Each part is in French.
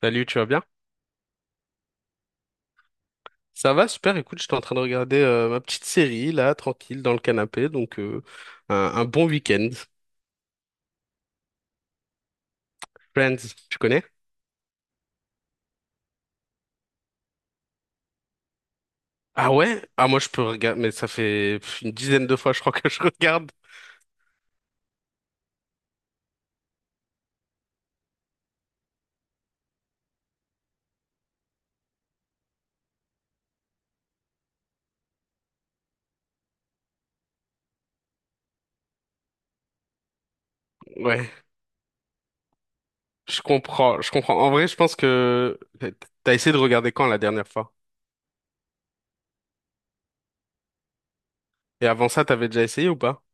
Salut, tu vas bien? Ça va, super. Écoute, j'étais en train de regarder ma petite série, là, tranquille, dans le canapé. Donc, un bon week-end. Friends, tu connais? Ah ouais? Ah, moi, je peux regarder, mais ça fait pff, une dizaine de fois, je crois que je regarde. Ouais, je comprends. En vrai, je pense que t'as essayé de regarder quand la dernière fois? Et avant ça, t'avais déjà essayé ou pas?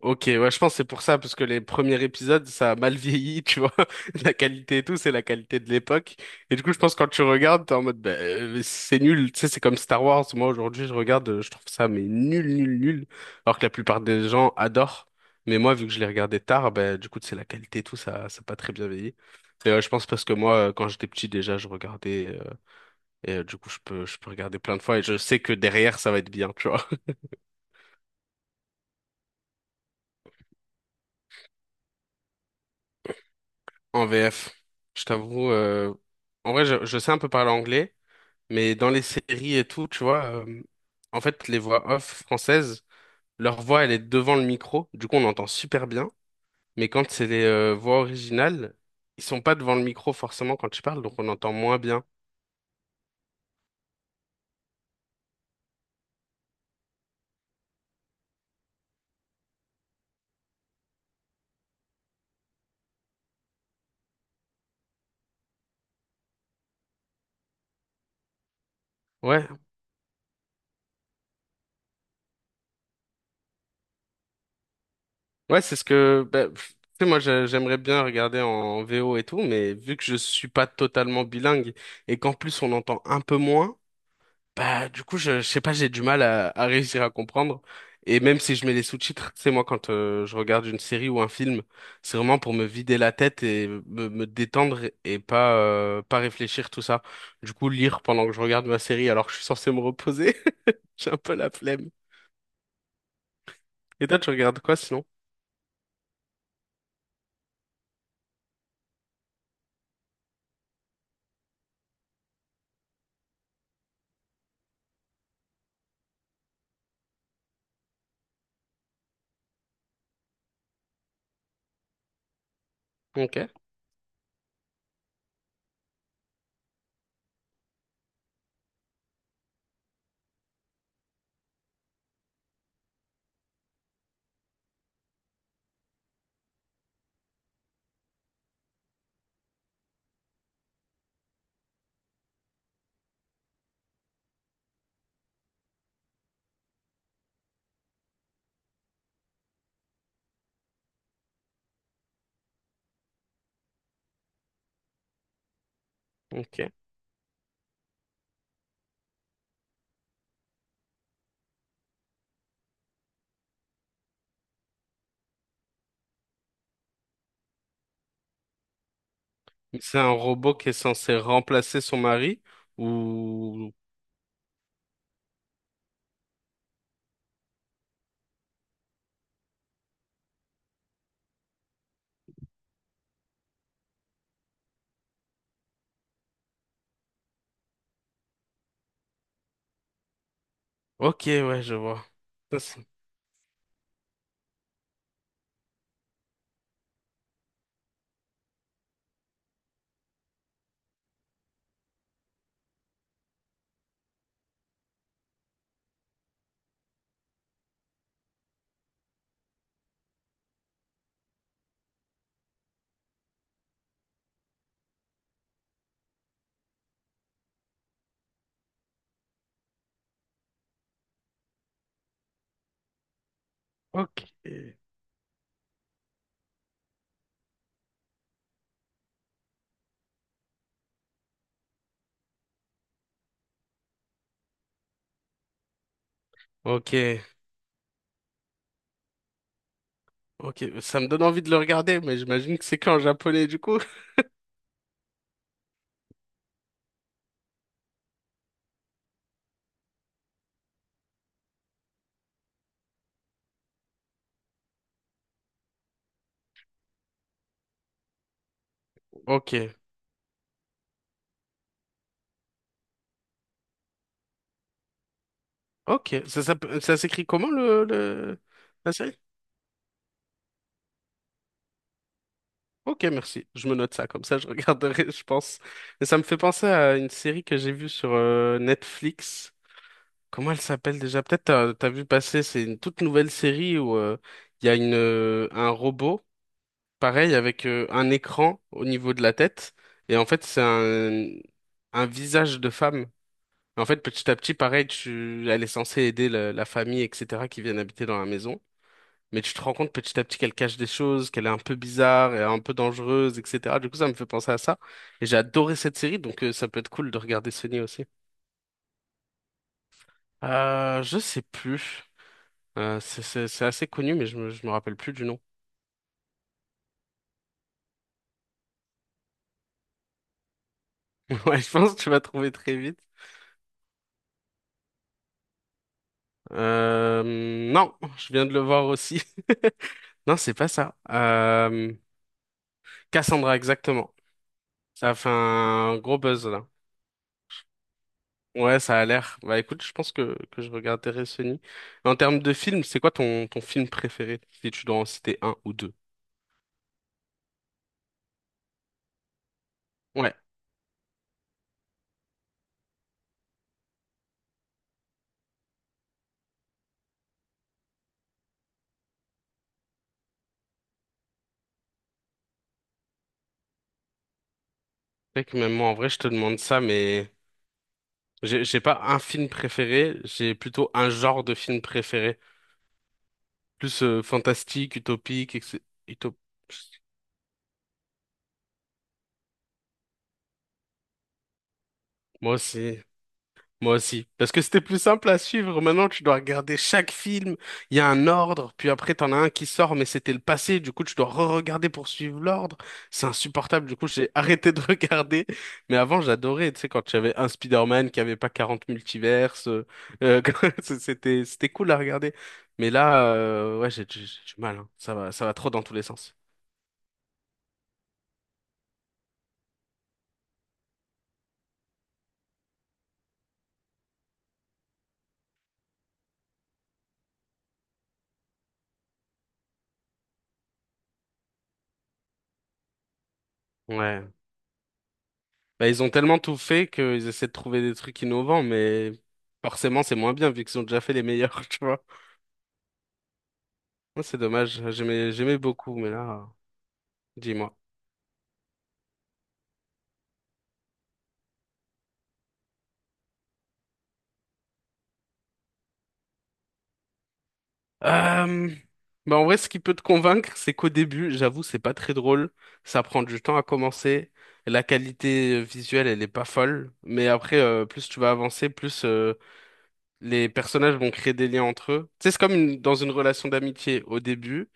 Ok, ouais, je pense que c'est pour ça, parce que les premiers épisodes, ça a mal vieilli, tu vois. La qualité et tout, c'est la qualité de l'époque. Et du coup, je pense que quand tu regardes, t'es en mode, bah, c'est nul. Tu sais, c'est comme Star Wars. Moi, aujourd'hui, je regarde, je trouve ça, mais nul, nul, nul. Alors que la plupart des gens adorent. Mais moi, vu que je l'ai regardé tard, bah, du coup, c'est la qualité et tout, ça a pas très bien vieilli. Et ouais, je pense parce que moi, quand j'étais petit, déjà, je regardais, et du coup, je peux regarder plein de fois et je sais que derrière, ça va être bien, tu vois. En VF, je t'avoue, en vrai, je sais un peu parler anglais, mais dans les séries et tout, tu vois, en fait, les voix off françaises, leur voix, elle est devant le micro, du coup, on entend super bien, mais quand c'est les voix originales, ils sont pas devant le micro forcément quand tu parles, donc on entend moins bien. Ouais, ouais, c'est ce que, bah, pff, tu sais, moi, j'aimerais bien regarder en VO et tout, mais vu que je suis pas totalement bilingue et qu'en plus on entend un peu moins. Bah, du coup, je sais pas, j'ai du mal à réussir à comprendre. Et même si je mets les sous-titres, c'est moi, quand je regarde une série ou un film, c'est vraiment pour me vider la tête et me détendre et pas pas réfléchir tout ça. Du coup, lire pendant que je regarde ma série alors que je suis censé me reposer, j'ai un peu la flemme. Et toi, tu regardes quoi sinon? Ok, ok. C'est un robot qui est censé remplacer son mari ou... Ok, ouais, je vois. Ça, c'est- Ok. Ok. Ok, ça me donne envie de le regarder, mais j'imagine que c'est qu'en japonais du coup. Ok, ok. Ça s'écrit comment le la série? Ok, merci. Je me note ça, comme ça je regarderai, je pense. Et ça me fait penser à une série que j'ai vue sur Netflix. Comment elle s'appelle déjà? Peut-être t'as vu passer, c'est une toute nouvelle série où il y a un robot, pareil, avec un écran au niveau de la tête. Et en fait, un visage de femme. En fait, petit à petit, pareil, elle est censée aider la famille, etc., qui viennent habiter dans la maison. Mais tu te rends compte petit à petit qu'elle cache des choses, qu'elle est un peu bizarre et un peu dangereuse, etc. Du coup, ça me fait penser à ça. Et j'ai adoré cette série, donc ça peut être cool de regarder Sunny aussi. Je sais plus. Euh, c'est assez connu, mais je je me rappelle plus du nom. Ouais, je pense que tu vas trouver très vite. Euh, non, je viens de le voir aussi. Non, c'est pas ça. Cassandra, exactement. Ça a fait un gros buzz, là. Ouais, ça a l'air. Bah écoute, je pense que je regarderai Sony. En termes de film, c'est quoi ton film préféré, si tu dois en citer un ou deux? Ouais, c'est vrai que même moi, en vrai, je te demande ça, mais j'ai pas un film préféré, j'ai plutôt un genre de film préféré. Plus fantastique, utopique, etc. Moi aussi. Moi aussi. Parce que c'était plus simple à suivre. Maintenant, tu dois regarder chaque film. Il y a un ordre. Puis après, t'en as un qui sort, mais c'était le passé. Du coup, tu dois re-regarder pour suivre l'ordre. C'est insupportable. Du coup, j'ai arrêté de regarder. Mais avant, j'adorais. Tu sais, quand j'avais un Spider-Man qui avait pas 40 multiverses. C'était cool à regarder. Mais là, ouais, j'ai du mal. Hein. Ça va trop dans tous les sens. Ouais. Bah, ils ont tellement tout fait qu'ils essaient de trouver des trucs innovants, mais forcément, c'est moins bien vu qu'ils ont déjà fait les meilleurs, tu vois. Ouais, c'est dommage, j'aimais beaucoup, mais là, dis-moi. Euh, Bah en vrai, ce qui peut te convaincre, c'est qu'au début, j'avoue, c'est pas très drôle. Ça prend du temps à commencer. La qualité visuelle, elle est pas folle. Mais après, plus tu vas avancer, plus les personnages vont créer des liens entre eux. Tu sais, dans une relation d'amitié. Au début,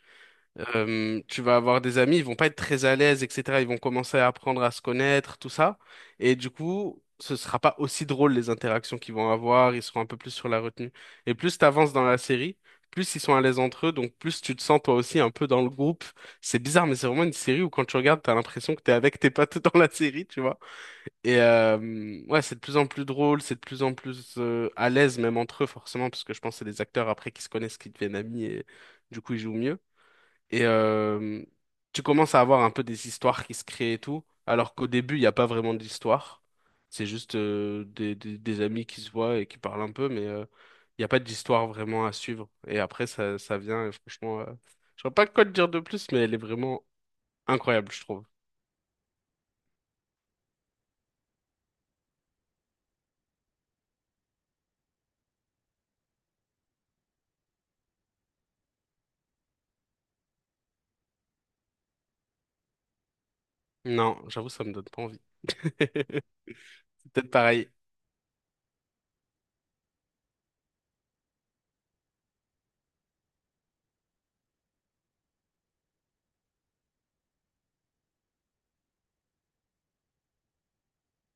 Tu vas avoir des amis, ils vont pas être très à l'aise, etc. Ils vont commencer à apprendre à se connaître, tout ça. Et du coup, ce sera pas aussi drôle les interactions qu'ils vont avoir. Ils seront un peu plus sur la retenue. Et plus t'avances dans la série, plus ils sont à l'aise entre eux, donc plus tu te sens toi aussi un peu dans le groupe. C'est bizarre, mais c'est vraiment une série où quand tu regardes, t'as l'impression que t'es avec tes potes dans la série, tu vois. Et ouais, c'est de plus en plus drôle, c'est de plus en plus à l'aise même entre eux, forcément, parce que je pense que c'est des acteurs après qui se connaissent, qui deviennent amis et du coup ils jouent mieux. Et tu commences à avoir un peu des histoires qui se créent et tout, alors qu'au début, il n'y a pas vraiment d'histoire. C'est juste des amis qui se voient et qui parlent un peu, mais il n'y a pas d'histoire vraiment à suivre. Et après, ça vient, et franchement, je vois pas quoi te dire de plus, mais elle est vraiment incroyable, je trouve. Non, j'avoue, ça me donne pas envie. C'est peut-être pareil.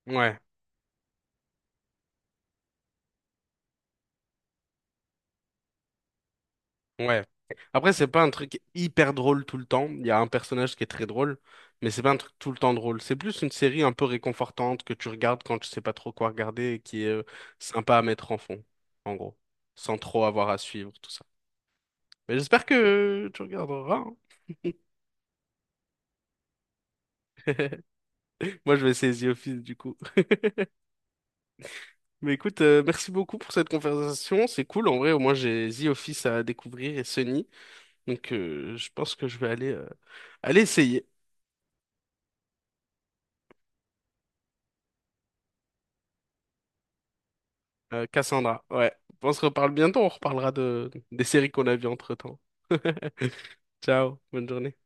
Ouais. Ouais. Après, c'est pas un truc hyper drôle tout le temps. Il y a un personnage qui est très drôle, mais c'est pas un truc tout le temps drôle. C'est plus une série un peu réconfortante que tu regardes quand tu sais pas trop quoi regarder et qui est sympa à mettre en fond, en gros, sans trop avoir à suivre tout ça. Mais j'espère que tu regarderas. Hein. Moi, je vais essayer The Office du coup. Mais écoute, merci beaucoup pour cette conversation. C'est cool. En vrai, au moins, j'ai The Office à découvrir et Sunny. Donc, je pense que je vais aller, aller essayer. Cassandra, ouais. On se reparle bientôt, on reparlera de des séries qu'on a vues entre-temps. Ciao, bonne journée.